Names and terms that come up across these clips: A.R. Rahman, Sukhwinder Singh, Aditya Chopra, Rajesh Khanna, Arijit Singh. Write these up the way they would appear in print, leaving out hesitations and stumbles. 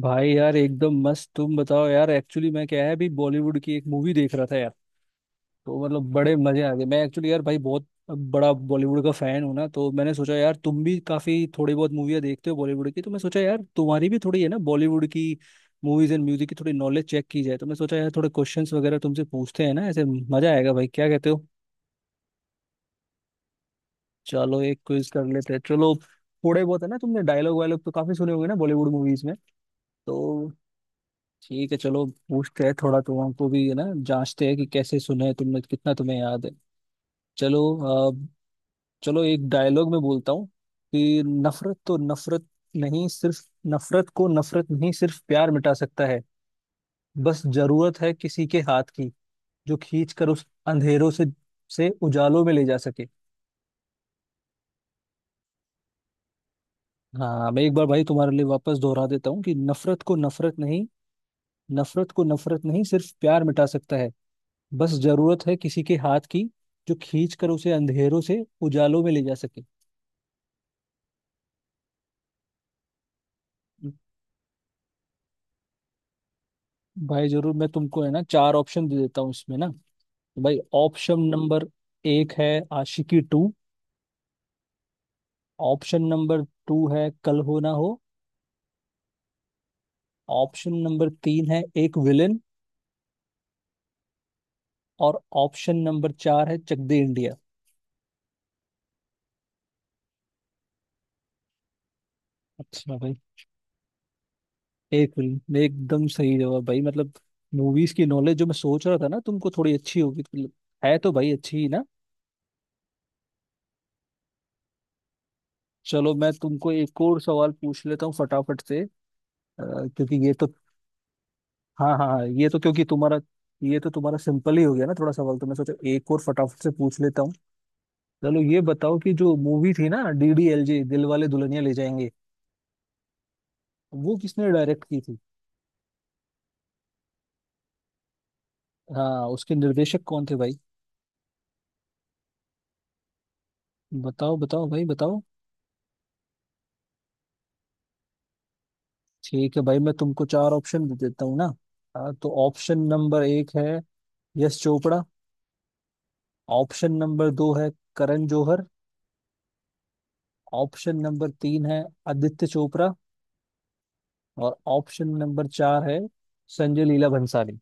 भाई यार एकदम मस्त। तुम बताओ यार। एक्चुअली मैं क्या है अभी बॉलीवुड की एक मूवी देख रहा था यार। तो मतलब बड़े मजे आ गए। मैं एक्चुअली यार भाई बहुत बड़ा बॉलीवुड का फैन हूं ना। तो मैंने सोचा यार तुम भी काफी थोड़ी बहुत मूवियाँ देखते हो बॉलीवुड की। तो मैं सोचा यार तुम्हारी भी थोड़ी है ना बॉलीवुड की मूवीज एंड म्यूजिक की थोड़ी नॉलेज चेक की जाए। तो मैं सोचा यार थोड़े क्वेश्चंस वगैरह तुमसे पूछते हैं ना, ऐसे मजा आएगा भाई, क्या कहते हो? चलो एक क्विज कर लेते हैं। चलो थोड़े बहुत है ना, तुमने डायलॉग वायलॉग तो काफी सुने होंगे ना बॉलीवुड मूवीज में। तो ठीक है, चलो पूछते हैं। थोड़ा तो हमको भी है ना जांचते हैं कि कैसे सुने हैं तुमने, कितना तुम्हें याद है। चलो। अ, चलो एक डायलॉग में बोलता हूँ कि नहीं सिर्फ नफरत को नफरत नहीं सिर्फ प्यार मिटा सकता है। बस जरूरत है किसी के हाथ की जो खींच कर उस अंधेरों से उजालों में ले जा सके। हाँ मैं एक बार भाई तुम्हारे लिए वापस दोहरा देता हूँ कि नफरत को नफरत नहीं सिर्फ प्यार मिटा सकता है। बस जरूरत है किसी के हाथ की जो खींच कर उसे अंधेरों से उजालों में ले जा सके। भाई जरूर, मैं तुमको है ना चार ऑप्शन दे देता हूँ इसमें ना। तो भाई ऑप्शन नंबर एक है Aashiqui two. Option number two है कल हो ना हो। ऑप्शन नंबर तीन है एक विलन। और ऑप्शन नंबर चार है चक दे इंडिया। अच्छा भाई, एक विलन एकदम सही जवाब भाई। मतलब मूवीज की नॉलेज जो मैं सोच रहा था ना तुमको थोड़ी अच्छी होगी। मतलब है तो भाई अच्छी ही ना। चलो मैं तुमको एक और सवाल पूछ लेता हूँ फटाफट से। क्योंकि ये तो हाँ हाँ हाँ, ये तो तुम्हारा सिंपल ही हो गया ना थोड़ा सवाल, तो मैं सोचा एक और फटाफट से पूछ लेता हूँ। चलो ये बताओ कि जो मूवी थी ना डीडीएलजे, दिल वाले दुल्हनिया ले जाएंगे, वो किसने डायरेक्ट की थी? हाँ उसके निर्देशक कौन थे भाई? बताओ बताओ भाई बताओ। ठीक है भाई, मैं तुमको चार ऑप्शन दे देता हूँ ना। हाँ, तो ऑप्शन नंबर एक है यश चोपड़ा। ऑप्शन नंबर दो है करण जौहर। ऑप्शन नंबर तीन है आदित्य चोपड़ा। और ऑप्शन नंबर चार है संजय लीला भंसाली।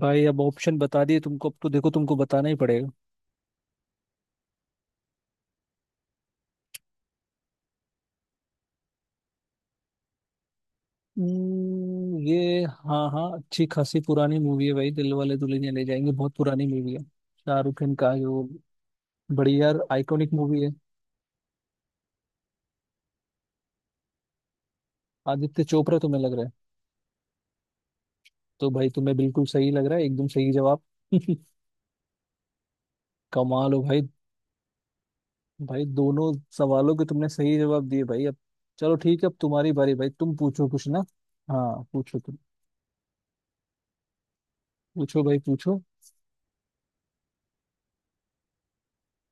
भाई अब ऑप्शन बता दिए तुमको, अब तो देखो तुमको बताना ही पड़ेगा। ये हाँ हाँ अच्छी खासी पुरानी मूवी है भाई। दिल वाले दुल्हनिया ले जाएंगे बहुत पुरानी मूवी है, शाहरुख खान का जो बड़ी यार आइकॉनिक मूवी है। आदित्य चोपड़ा तुम्हें लग रहा है? तो भाई तुम्हें बिल्कुल सही लग रहा है, एकदम सही जवाब। कमाल हो भाई। भाई दोनों सवालों के तुमने सही जवाब दिए भाई। अब चलो ठीक है, अब तुम्हारी बारी भाई, तुम पूछो कुछ ना। हाँ पूछो तुम। पूछो भाई पूछो।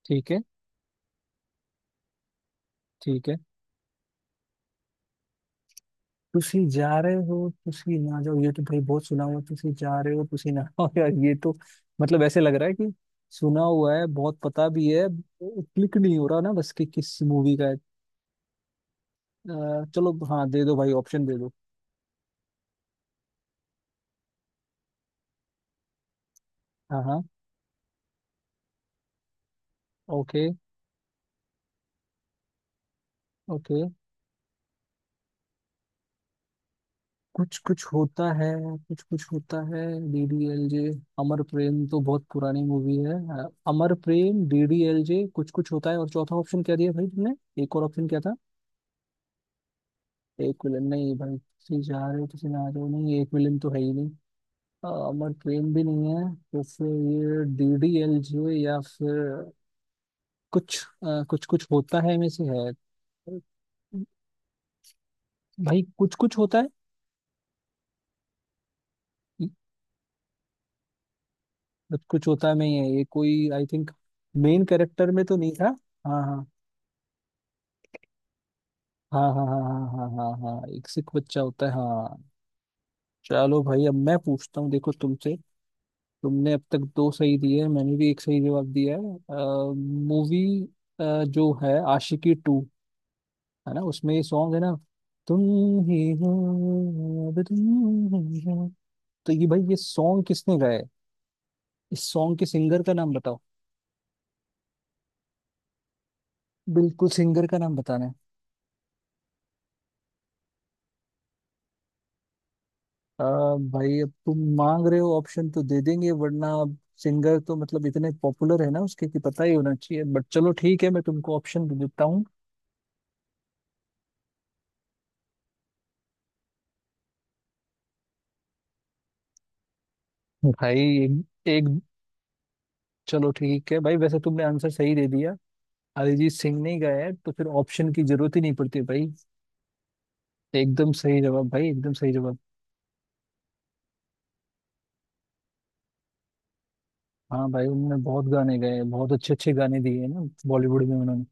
ठीक है ठीक है। तुसी जा रहे हो तुसी ना जाओ, ये तो भाई बहुत सुना हुआ है, तुसी जा रहे हो तुसी ना हो, यार ये तो मतलब ऐसे लग रहा है कि सुना हुआ है बहुत, पता भी है, क्लिक नहीं हो रहा ना बस कि किस मूवी का है। चलो हाँ दे दो भाई ऑप्शन दे दो। हाँ हाँ। Okay okay. कुछ कुछ होता है। कुछ कुछ होता है, डीडीएलजे, अमर प्रेम तो बहुत पुरानी मूवी है। अमर प्रेम, डीडीएलजे, कुछ कुछ होता है, और चौथा ऑप्शन क्या दिया भाई तुमने? एक और ऑप्शन क्या था? एक विलन नहीं भाई, किसी जा रहे हो किसी ना रहे हो नहीं, एक विलन तो है ही नहीं। अमर प्रेम भी नहीं है, तो फिर ये डीडीएलजे या फिर कुछ कुछ होता है में से है। भाई कुछ कुछ होता है। कुछ कुछ होता है में ही है ये, कोई आई थिंक मेन कैरेक्टर में तो नहीं था। हाँ हाँ हाँ हाँ हाँ हाँ हाँ हाँ हाँ हाँ, एक सिख बच्चा होता है हाँ। चलो भाई अब मैं पूछता हूँ देखो तुमसे। तुमने अब तक दो सही दिए हैं, मैंने भी एक सही जवाब दिया है। मूवी जो है आशिकी टू, है ना, उसमें ये सॉन्ग है ना, तुम ही हो, अब तुम ही हो, तो ये भाई ये सॉन्ग किसने गाया है? इस सॉन्ग के सिंगर का नाम बताओ। बिल्कुल सिंगर का नाम बताना है। आ, भाई अब तुम मांग रहे हो ऑप्शन तो दे देंगे, वरना अब सिंगर तो मतलब इतने पॉपुलर है ना उसके कि पता ही होना चाहिए, बट चलो ठीक है मैं तुमको ऑप्शन दे देता हूँ। भाई एक। चलो ठीक है भाई, वैसे तुमने आंसर सही दे दिया, अरिजीत सिंह नहीं गाया है तो फिर ऑप्शन की जरूरत ही नहीं पड़ती भाई। एकदम सही जवाब भाई, एकदम सही जवाब। हाँ भाई उन्होंने बहुत गाने गाए हैं, बहुत अच्छे अच्छे गाने दिए हैं ना बॉलीवुड में उन्होंने।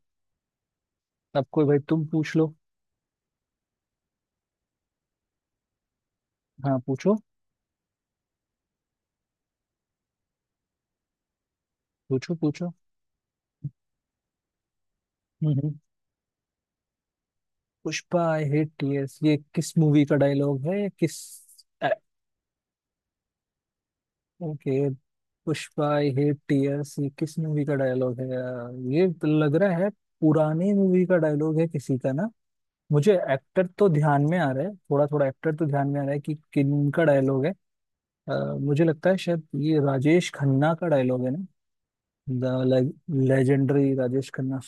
अब कोई भाई तुम पूछ लो। हाँ पूछो पूछो पूछो। हम्म हम्म। पुष्पा आई हेट टीयर्स, ये किस मूवी का डायलॉग है? किस? Okay. Pushpa I hate tears, ये किस मूवी का डायलॉग है? ये तो लग रहा है पुरानी मूवी का डायलॉग है किसी का ना। मुझे एक्टर तो ध्यान में आ रहा है, थोड़ा थोड़ा एक्टर तो ध्यान में आ रहा है कि किन का डायलॉग है। अ, मुझे लगता है शायद ये राजेश खन्ना का डायलॉग है ना, द लेजेंडरी राजेश खन्ना।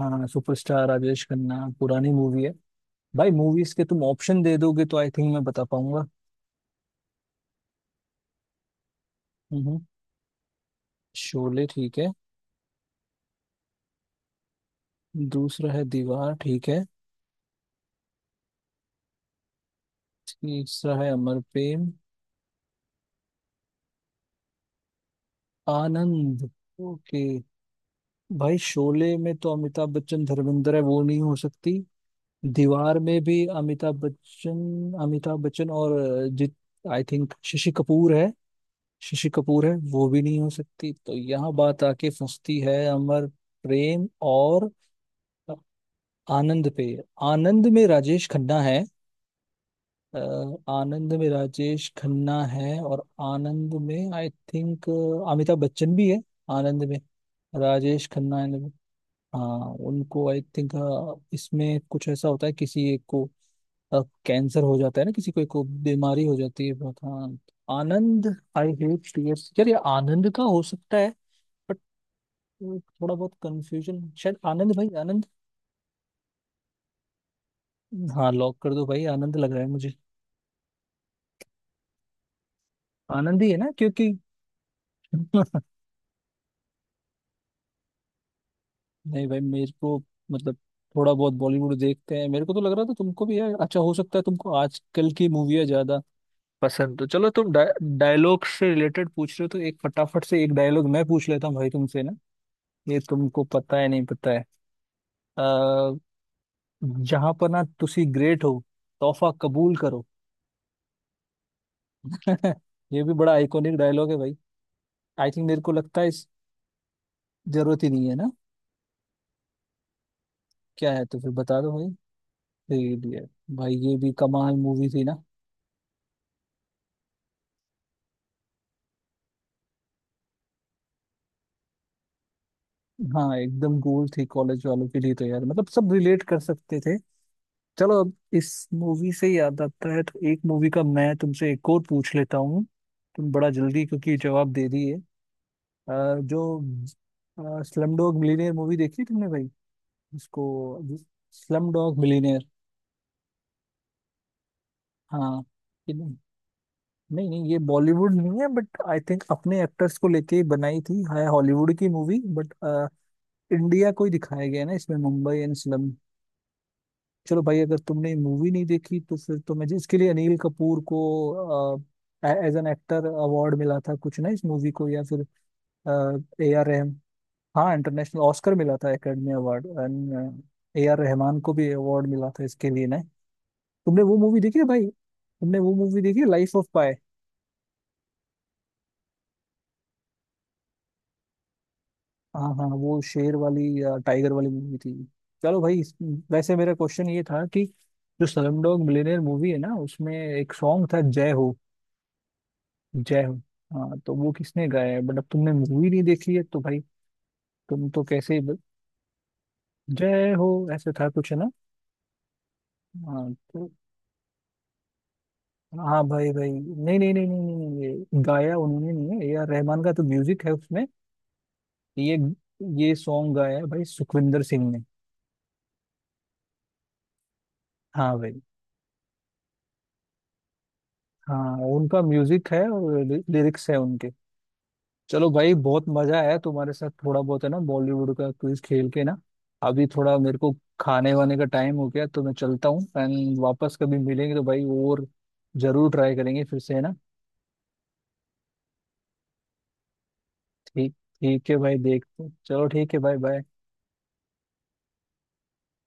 हाँ सुपरस्टार राजेश खन्ना, पुरानी मूवी है। भाई मूवीज के तुम ऑप्शन दे दोगे तो आई थिंक मैं बता पाऊंगा। हम्म, शोले ठीक है। दूसरा है दीवार ठीक है। तीसरा है अमर प्रेम। आनंद ओके। भाई शोले में तो अमिताभ बच्चन धर्मेंद्र है, वो नहीं हो सकती। दीवार में भी अमिताभ बच्चन, अमिताभ बच्चन और जित आई थिंक शशि कपूर है। शशि कपूर है, वो भी नहीं हो सकती। तो यहाँ बात आके फंसती है अमर प्रेम और आनंद पे। आनंद में राजेश खन्ना है। अ, आनंद में राजेश खन्ना है और आनंद में आई थिंक अमिताभ बच्चन भी है। आनंद में राजेश खन्ना है। हाँ उनको आई थिंक इसमें कुछ ऐसा होता है, किसी एक को कैंसर हो जाता है ना, किसी को एक को बीमारी हो जाती है बहुत हाँ। आनंद, आई हेट टीयर्स यार, ये आनंद का हो सकता है। बट थोड़ा बहुत कंफ्यूजन, शायद आनंद भाई, आनंद। हाँ लॉक कर दो भाई, आनंद लग रहा है मुझे। आनंद ही है ना क्योंकि नहीं भाई मेरे को मतलब थोड़ा बहुत बॉलीवुड देखते हैं। मेरे को तो लग रहा था तुमको भी है, अच्छा हो सकता है तुमको आजकल की मूवियाँ ज्यादा पसंद। तो चलो तुम डायलॉग से रिलेटेड पूछ रहे हो तो एक फटाफट से एक डायलॉग मैं पूछ लेता हूँ भाई तुमसे ना, ये तुमको पता है नहीं पता है। अः जहां पर ना तुसी ग्रेट हो, तोहफा कबूल करो। ये भी बड़ा आइकॉनिक डायलॉग है भाई। आई थिंक मेरे को लगता है इस जरूरत ही नहीं है ना। क्या है तो फिर बता दो भाई। फिर ये- भाई ये भी कमाल मूवी थी ना। हाँ एकदम गोल थी कॉलेज वालों के लिए तो यार, मतलब सब रिलेट कर सकते थे। चलो अब इस मूवी से याद आता है तो एक मूवी का मैं तुमसे एक और पूछ लेता हूँ। तुम बड़ा जल्दी क्योंकि जवाब दे दिए। जो स्लम डॉग मिलीनियर मूवी, देखी तुमने भाई इसको, स्लम डॉग मिलीनियर? हाँ ये नहीं, नहीं नहीं, ये बॉलीवुड नहीं है बट आई थिंक अपने एक्टर्स को लेके ही बनाई थी है, हॉलीवुड की मूवी बट इंडिया को ही दिखाया गया है ना इसमें, मुंबई एंड। चलो भाई अगर तुमने मूवी नहीं देखी तो फिर तो मैं जिसके लिए अनिल कपूर को एज एन एक्टर अवार्ड मिला था कुछ ना इस मूवी को, या फिर ए आर रहम हाँ इंटरनेशनल ऑस्कर मिला था, Academy Award, and A R Rahman को भी अवार्ड मिला था इसके लिए ना। तुमने वो मूवी देखी है भाई, तुमने वो मूवी देखी है लाइफ ऑफ पाई? हाँ हाँ, वो शेर वाली टाइगर वाली मूवी थी। चलो भाई इस- वैसे मेरा क्वेश्चन ये था कि जो स्लमडॉग मिलियनेयर मूवी है ना उसमें एक सॉन्ग था जय हो। जय हो हाँ, तो वो किसने गाया है, बट अब तुमने मूवी नहीं देखी है तो भाई तुम तो कैसे ही जय हो ऐसे था कुछ है ना। हाँ तो हाँ भाई भाई नहीं, नहीं नहीं नहीं नहीं नहीं, ये गाया उन्होंने नहीं है। ए आर रहमान का तो म्यूजिक है उसमें, ये ये सॉन्ग गाया है भाई सुखविंदर सिंह ने। हाँ भाई, हाँ उनका म्यूजिक है और लिरिक्स है उनके। चलो भाई बहुत मजा आया तुम्हारे साथ, थोड़ा बहुत है ना बॉलीवुड का क्विज खेल के ना। अभी थोड़ा मेरे को खाने वाने का टाइम हो गया तो मैं चलता हूँ, एंड वापस कभी मिलेंगे तो भाई और जरूर ट्राई करेंगे फिर से है ना। ठीक। ठीक है भाई देखते हैं। चलो ठीक है भाई बाय।